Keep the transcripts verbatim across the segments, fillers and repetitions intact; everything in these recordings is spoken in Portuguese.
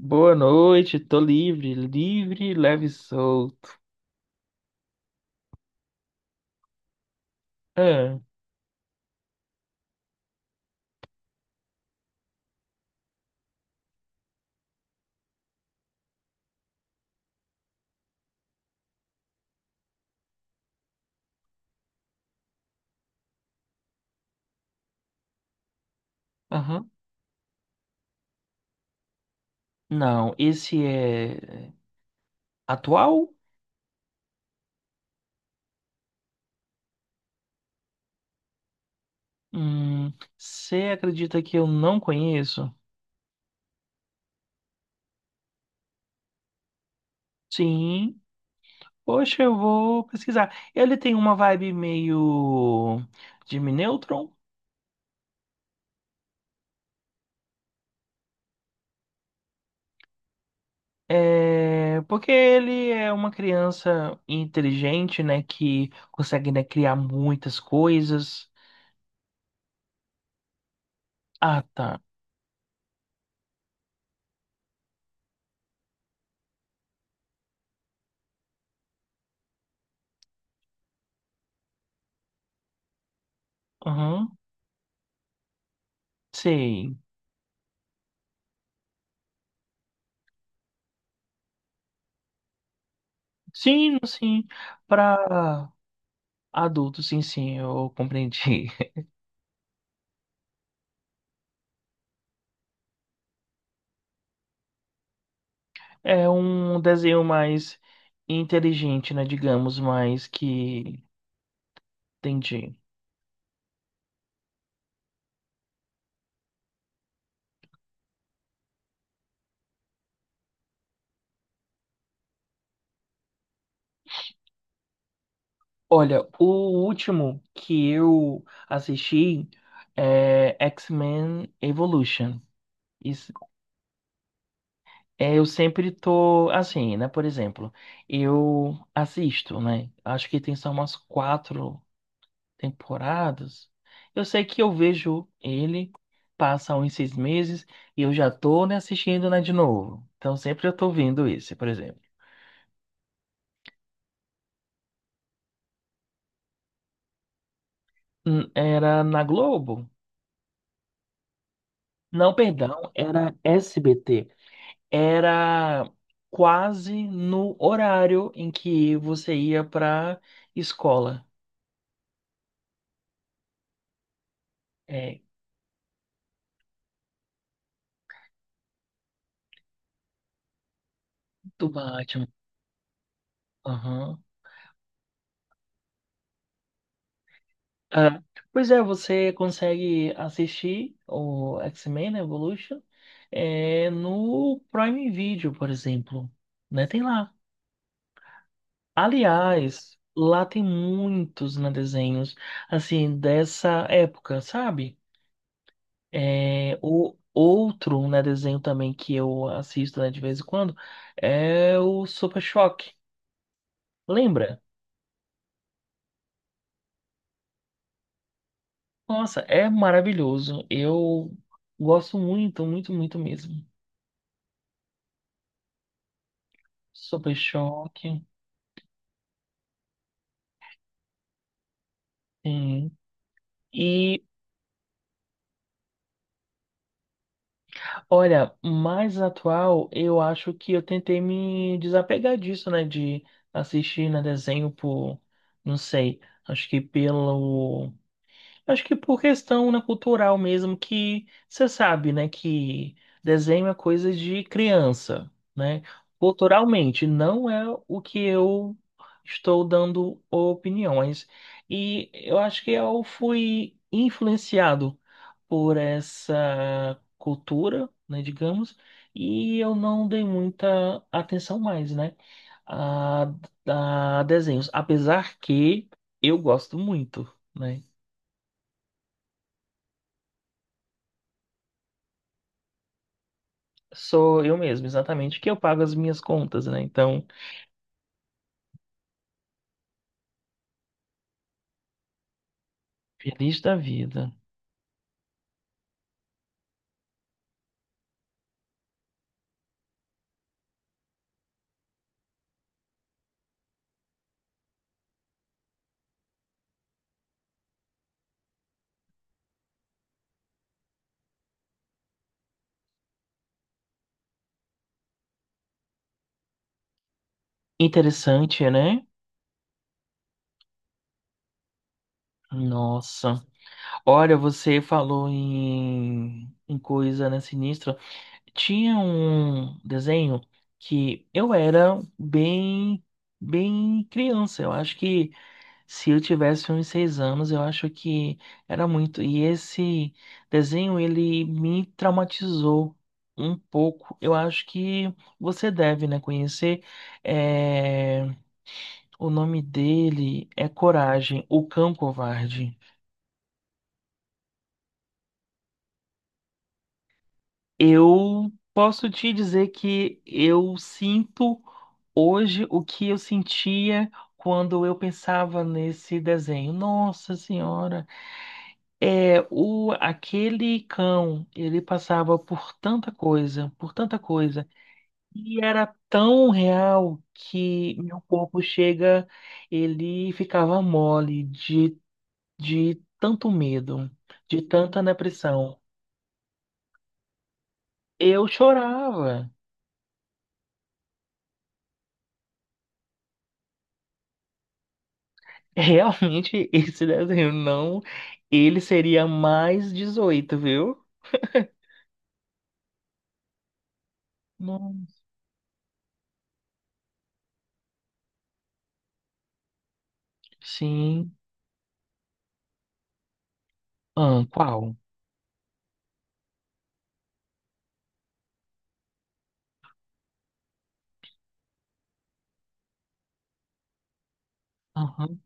Boa noite, tô livre, livre, leve e solto. Ah, aham. Não, esse é atual? Hum, você acredita que eu não conheço? Sim, poxa, eu vou pesquisar. Ele tem uma vibe meio Jimmy Neutron. É, porque ele é uma criança inteligente, né, que consegue, né, criar muitas coisas. Ah, tá. Aham, sei. Sim, sim. Para adultos, sim, sim, eu compreendi. É um desenho mais inteligente, né? Digamos, mais que. Entendi. Olha, o último que eu assisti é X-Men Evolution. Isso, é, eu sempre tô assim, né? Por exemplo, eu assisto, né? Acho que tem só umas quatro temporadas. Eu sei que eu vejo ele, passa uns seis meses e eu já tô, né, assistindo, né, de novo. Então sempre eu tô vendo esse, por exemplo. Hum, Era na Globo? Não, perdão, era S B T. Era quase no horário em que você ia pra escola. É, do Batman. Ah, pois é, você consegue assistir o X-Men, né, Evolution, é, no Prime Video, por exemplo, né? Tem lá. Aliás, lá tem muitos, né, desenhos, assim, dessa época, sabe? É, o outro, né, desenho também que eu assisto, né, de vez em quando é o Super Choque. Lembra? Nossa, é maravilhoso. Eu gosto muito, muito, muito mesmo. Super Choque. Sim. E olha, mais atual, eu acho que eu tentei me desapegar disso, né? De assistir na desenho por, não sei, acho que pelo. Acho que por questão, né, cultural mesmo, que você sabe, né, que desenho é coisa de criança, né? Culturalmente, não é o que eu estou dando opiniões. E eu acho que eu fui influenciado por essa cultura, né, digamos, e eu não dei muita atenção mais, né, a, a desenhos, apesar que eu gosto muito, né? Sou eu mesmo, exatamente, que eu pago as minhas contas, né? Então, feliz da vida. Interessante, né? Nossa. Olha, você falou em, em coisa, né, sinistra. Tinha um desenho que eu era bem, bem criança. Eu acho que se eu tivesse uns seis anos, eu acho que era muito. E esse desenho, ele me traumatizou um pouco. Eu acho que você deve, né, conhecer. É, o nome dele é Coragem, o Cão Covarde. Eu posso te dizer que eu sinto hoje o que eu sentia quando eu pensava nesse desenho. Nossa Senhora, é o aquele cão, ele passava por tanta coisa, por tanta coisa, e era tão real que meu corpo chega, ele ficava mole de, de tanto medo, de tanta depressão. Eu chorava. Realmente, esse desenho não, ele seria mais dezoito, viu? Não. Sim. Ah, qual? Aham.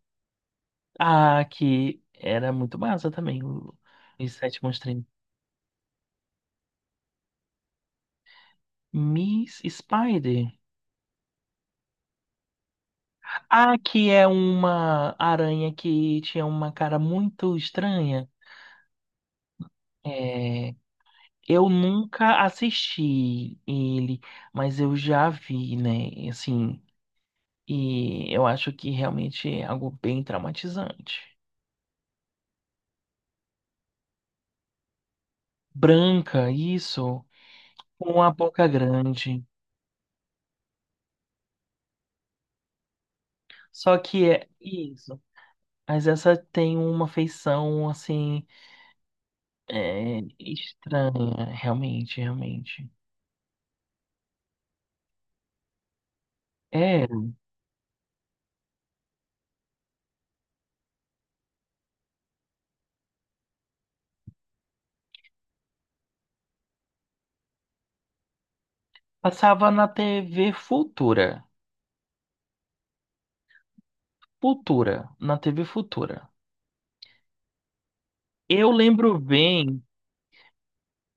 Ah, que era muito massa também, o- os sete monstrinhos. Miss Spider. Ah, que é uma aranha que tinha uma cara muito estranha. É, eu nunca assisti ele, mas eu já vi, né? Assim, e eu acho que realmente é algo bem traumatizante. Branca, isso, com a boca grande. Só que é isso. Mas essa tem uma feição, assim, é, estranha, realmente, realmente. É, passava na T V Futura. Futura, na T V Futura. Eu lembro bem,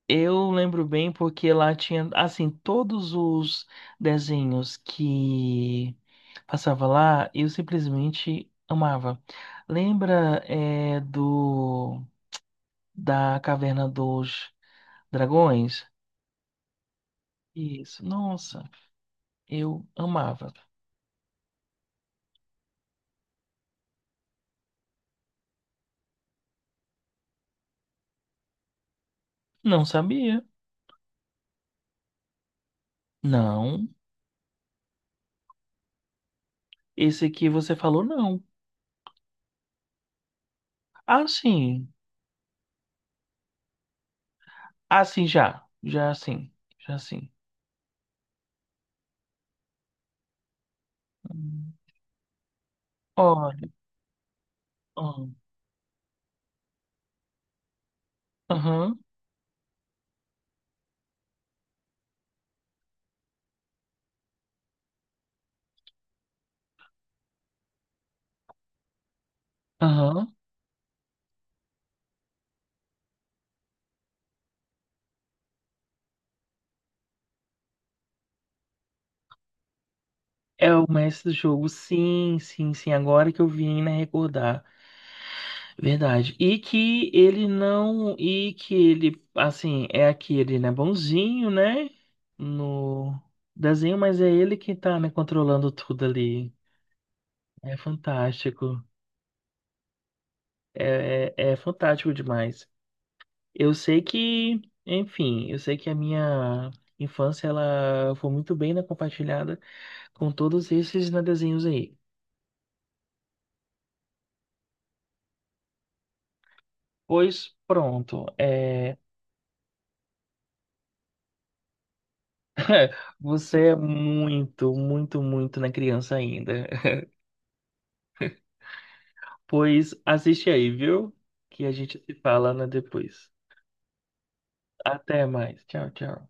eu lembro bem porque lá tinha, assim, todos os desenhos que passava lá, eu simplesmente amava. Lembra, é, do, da Caverna dos Dragões? Isso, nossa. Eu amava. Não sabia. Não. Esse aqui você falou não. Ah, sim. Ah, sim, já. Já sim. Já sim. Hum. Olha, ó. Aham. Aham. É o mestre do jogo. Sim, sim, sim. Agora que eu vim, né, recordar. Verdade. E que ele não. E que ele, assim, é aquele, né, bonzinho, né? No desenho, mas é ele que tá, né, controlando tudo ali. É fantástico. É, é, é fantástico demais. Eu sei que, enfim, eu sei que a minha infância ela foi muito bem, né, compartilhada com todos esses, né, desenhos aí. Pois pronto, é, você é muito, muito, muito na criança ainda. Pois assiste aí, viu? Que a gente se fala, né, depois. Até mais. Tchau, tchau.